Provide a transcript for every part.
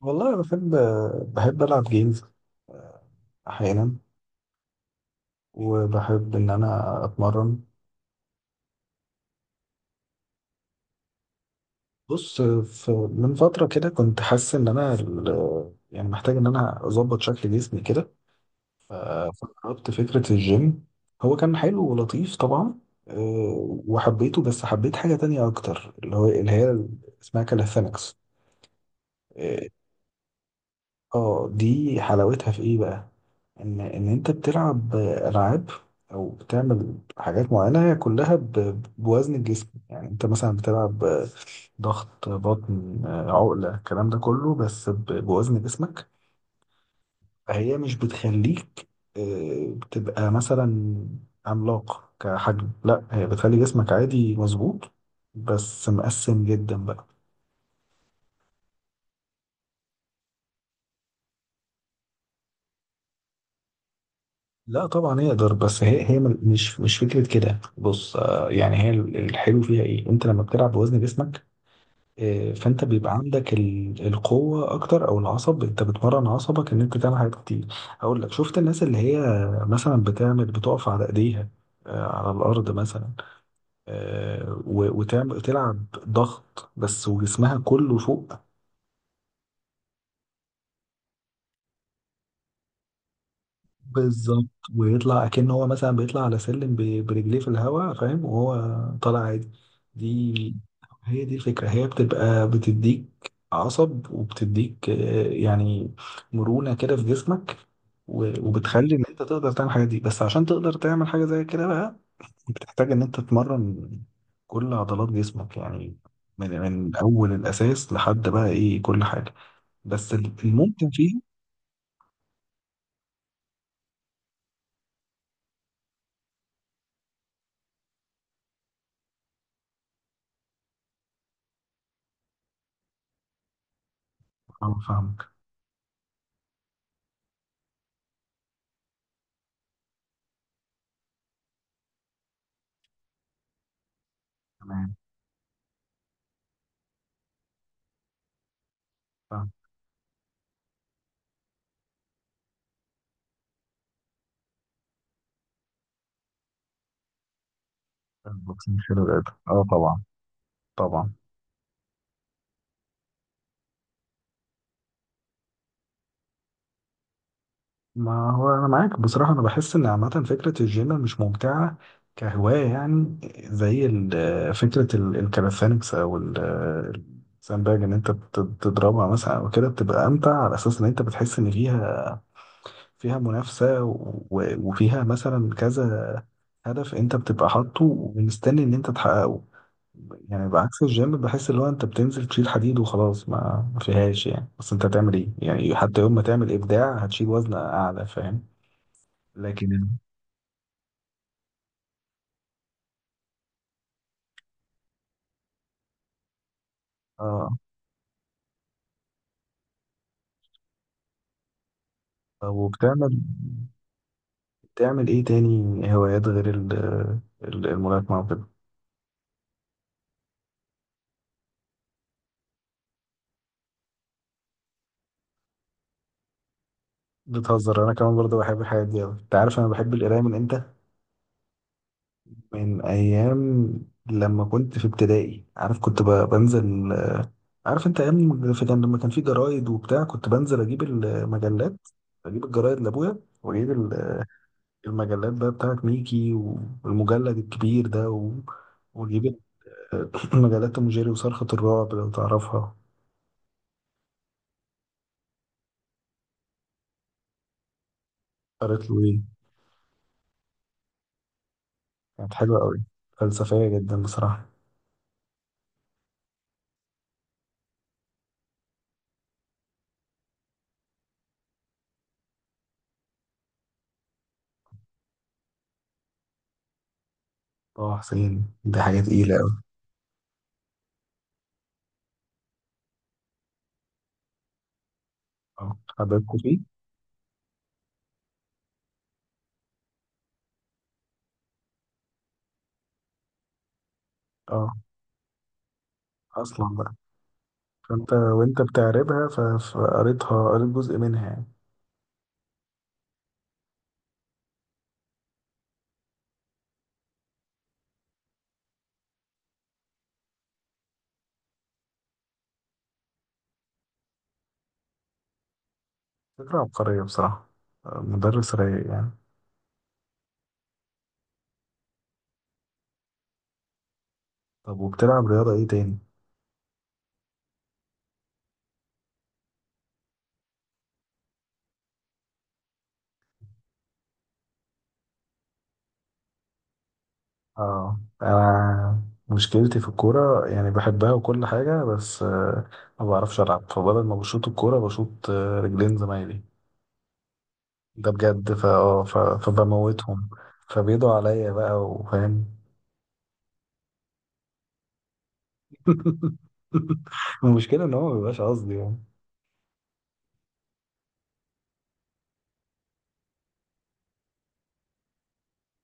والله أنا بحب ألعب جيمز أحيانا. وبحب إن أنا أتمرن. بص، من فترة كده كنت حاسس إن أنا يعني محتاج إن أنا أظبط شكل جسمي كده. ف- فجربت فكرة الجيم. هو كان حلو ولطيف طبعا. وحبيته، بس حبيت حاجة تانية أكتر، اللي هي اسمها كاليثينكس. اه. دي حلاوتها في إيه بقى؟ ان انت بتلعب العاب او بتعمل حاجات معينه، هي كلها بوزن الجسم. يعني انت مثلا بتلعب ضغط، بطن، عقله، الكلام ده كله بس بوزن جسمك. فهي مش بتخليك تبقى مثلا عملاق كحجم، لا، هي بتخلي جسمك عادي مظبوط، بس مقسم جدا بقى. لا طبعا يقدر، بس هي مش فكره كده. بص، يعني هي الحلو فيها ايه، انت لما بتلعب بوزن جسمك فانت بيبقى عندك القوه اكتر، او العصب، انت بتمرن عصبك ان انت تعمل حاجات كتير. اقول لك، شفت الناس اللي هي مثلا بتقف على ايديها، على الارض مثلا، وتعمل تلعب ضغط بس وجسمها كله فوق. بالظبط. ويطلع كأنه هو مثلا بيطلع على سلم برجليه في الهواء، فاهم، وهو طالع عادي. دي هي دي الفكرة. هي بتبقى بتديك عصب وبتديك يعني مرونة كده في جسمك، وبتخلي ان انت تقدر تعمل حاجة دي. بس عشان تقدر تعمل حاجة زي كده بقى، بتحتاج ان انت تتمرن كل عضلات جسمك يعني، من اول الاساس لحد بقى ايه، كل حاجة. بس الممتع فيها. اه، فاهمك. تمام. فاهمك. البوكسنج، شيل القدر، اه طبعا، طبعا. ما هو انا معاك بصراحه، انا بحس ان عامه فكره الجيم مش ممتعه كهوايه يعني. زي فكره الكاليستانكس، او الساندباج، ان انت بتضربها مثلا او كده، بتبقى امتع على اساس ان انت بتحس ان فيها منافسه، وفيها مثلا كذا هدف انت بتبقى حاطه ومستني ان انت تحققه. يعني بعكس الجيم، بحس اللي هو انت بتنزل تشيل حديد وخلاص، ما فيهاش يعني، بس انت هتعمل ايه يعني، حتى يوم ما تعمل ابداع هتشيل وزن اعلى، فاهم. لكن ال- اه طب، بتعمل ايه تاني هوايات غير الملاكمة وكده؟ بتهزر، انا كمان برضه بحب الحاجات دي اوي، انت عارف انا بحب القراية من امتى. من ايام لما كنت في ابتدائي، عارف، كنت بنزل، عارف، انت ايام كان لما كان في جرايد وبتاع، كنت بنزل اجيب المجلات، اجيب الجرايد لابويا، واجيب المجلات بقى بتاعت ميكي، والمجلد الكبير ده وجيب مجلات مجيري، وصرخة الرعب لو تعرفها. قريت له ايه؟ كانت حلوة قوي، فلسفية جدا بصراحة. اه، حسين دي حاجة تقيلة قوي. اه، حبيبكوا فيه. اه اصلا بقى. فانت وانت بتعربها فقريتها، قريت جزء منها يعني. فكرة عبقرية بصراحة. مدرس رايق يعني. طب، وبتلعب رياضة ايه تاني؟ اه، انا مشكلتي في الكوره يعني، بحبها وكل حاجه، بس ما بعرفش العب، فبدل ما بشوط الكوره بشوط رجلين زمايلي. ده بجد. فبموتهم، فبيدوا عليا بقى، وفاهم. المشكله ان هو ما بيبقاش قصدي يعني.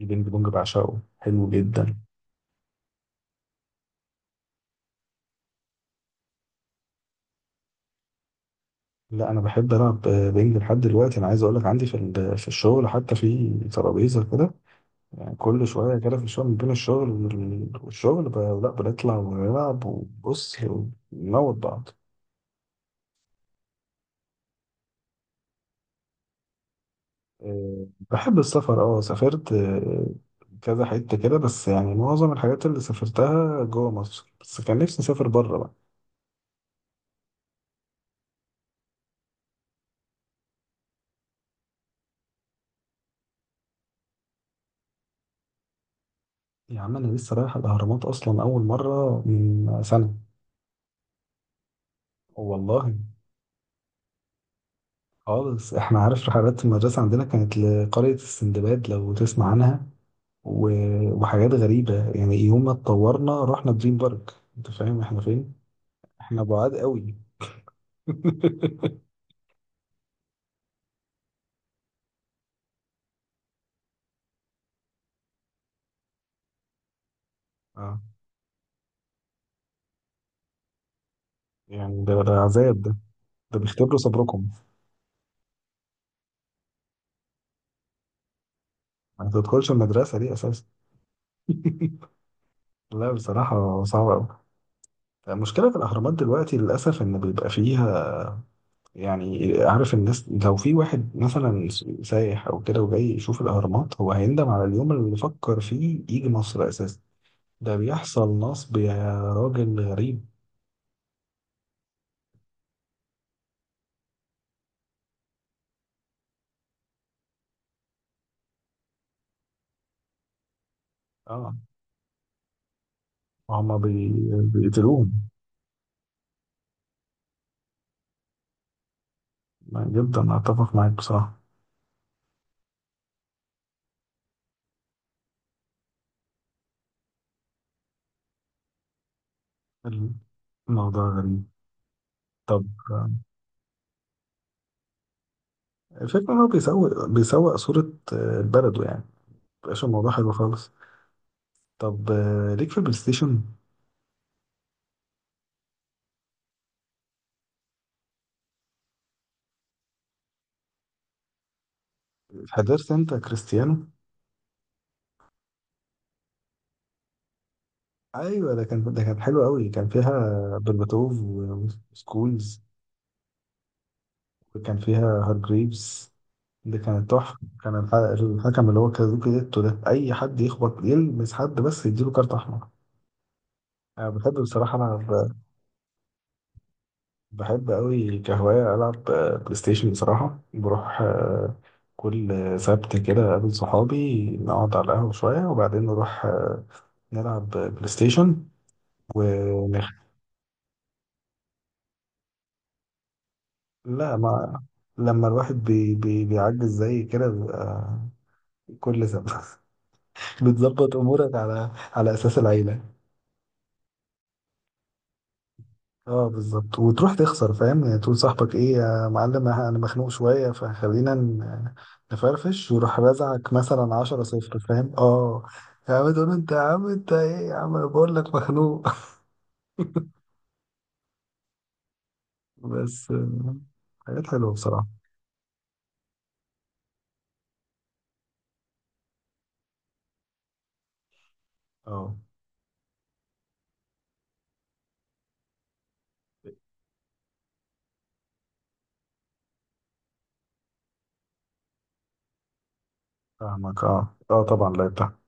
البينج بونج بعشقه، حلو جدا. لا، انا بحب العب بينج لحد دلوقتي. انا عايز اقول لك، عندي في الشغل حتى في ترابيزه كده يعني. كل شوية كده في الشغل، بين الشغل والشغل، لا بنطلع ونلعب وبص، ونموت بعض. بحب السفر. اه سافرت كذا حتة كده، بس يعني معظم الحاجات اللي سافرتها جوه مصر بس، كان نفسي أسافر بره بقى. يا عم، أنا لسه رايح الأهرامات أصلا أول مرة من سنة. والله. خالص، احنا، عارف، رحلات المدرسة عندنا كانت لقرية السندباد لو تسمع عنها، وحاجات غريبة يعني، يوم ما اتطورنا رحنا دريم بارك. انت فاهم احنا فين؟ احنا بعاد قوي. اه، يعني ده عذاب ده، ده بيختبروا صبركم. ما تدخلش المدرسة دي اساسا. لا بصراحة صعبة قوي. المشكلة في الأهرامات دلوقتي للأسف إن بيبقى فيها، يعني عارف، الناس لو في واحد مثلا سايح أو كده وجاي يشوف الأهرامات، هو هيندم على اليوم اللي فكر فيه يجي مصر أساسا. ده بيحصل نصب يا راجل غريب. اه، هما بي... بيقتلوهم. جدا، أتفق معاك بصراحة. الموضوع غريب. طب، الفكرة إن هو بيسوق صورة بلده يعني، مبقاش الموضوع حلو خالص. طب، ليك في البلاي ستيشن؟ حضرت أنت كريستيانو؟ أيوة، ده كان حلو أوي. كان فيها برباتوف، وسكولز، وكان فيها هارجريفز. دي كانت تحفة. كان الحكم اللي هو كازوكي ديتو ده، أي حد يخبط، يلمس حد بس، يديله كارت أحمر. أنا بحب بصراحة ألعب، بحب أوي كهواية ألعب بلاي ستيشن بصراحة. بروح كل سبت كده، أقابل صحابي، نقعد على القهوة شوية، وبعدين نروح نلعب بلاي ستيشن، ونخ... لا ما لما الواحد بيعجز زي كده، بيبقى كل سبت. بتظبط أمورك على أساس العيلة. اه بالظبط، وتروح تخسر فاهم يعني، تقول صاحبك، ايه يا معلم، أنا مخنوق شويه، فخلينا نفرفش، ويروح رازعك مثلا 10 صفر، فاهم اه. يا عم، تقول له، انت يا عم، انت ايه يا عم، أنا بقول لك مخنوق. بس حاجات حلوه بصراحه. اه فاهمك. اه، اه طبعا، لعبتها.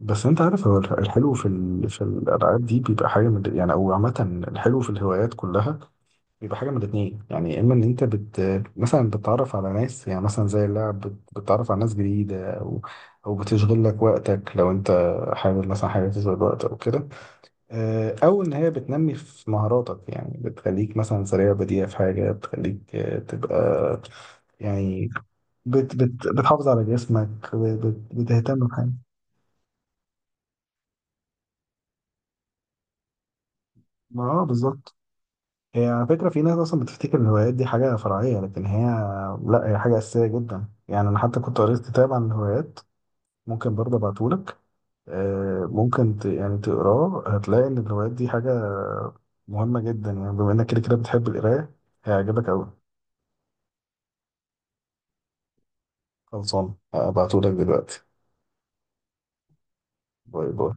بس انت عارف، هو الحلو في الالعاب دي بيبقى حاجه يعني، او عامه الحلو في الهوايات كلها، بيبقى حاجة من الاتنين يعني. يا إما إن أنت مثلا بتتعرف على ناس، يعني مثلا زي اللعب بتتعرف على ناس جديدة، أو بتشغل لك وقتك لو أنت حابب مثلا حاجة تشغل وقت أو كده، أو إن هي بتنمي في مهاراتك، يعني بتخليك مثلا سريع بديع في حاجة، بتخليك تبقى يعني بت بت بتحافظ على جسمك، بتهتم بحاجة. ما آه بالظبط. هي على فكرة في ناس أصلا بتفتكر إن الهوايات دي حاجة فرعية، لكن هي لأ، هي حاجة أساسية جدا يعني. أنا حتى كنت قريت كتاب عن الهوايات، ممكن برضه أبعتهولك، ممكن يعني تقراه، هتلاقي إن الهوايات دي حاجة مهمة جدا يعني. بما إنك كده كده بتحب القراية، هيعجبك أوي. خلصان، هبعتهولك دلوقتي. باي باي.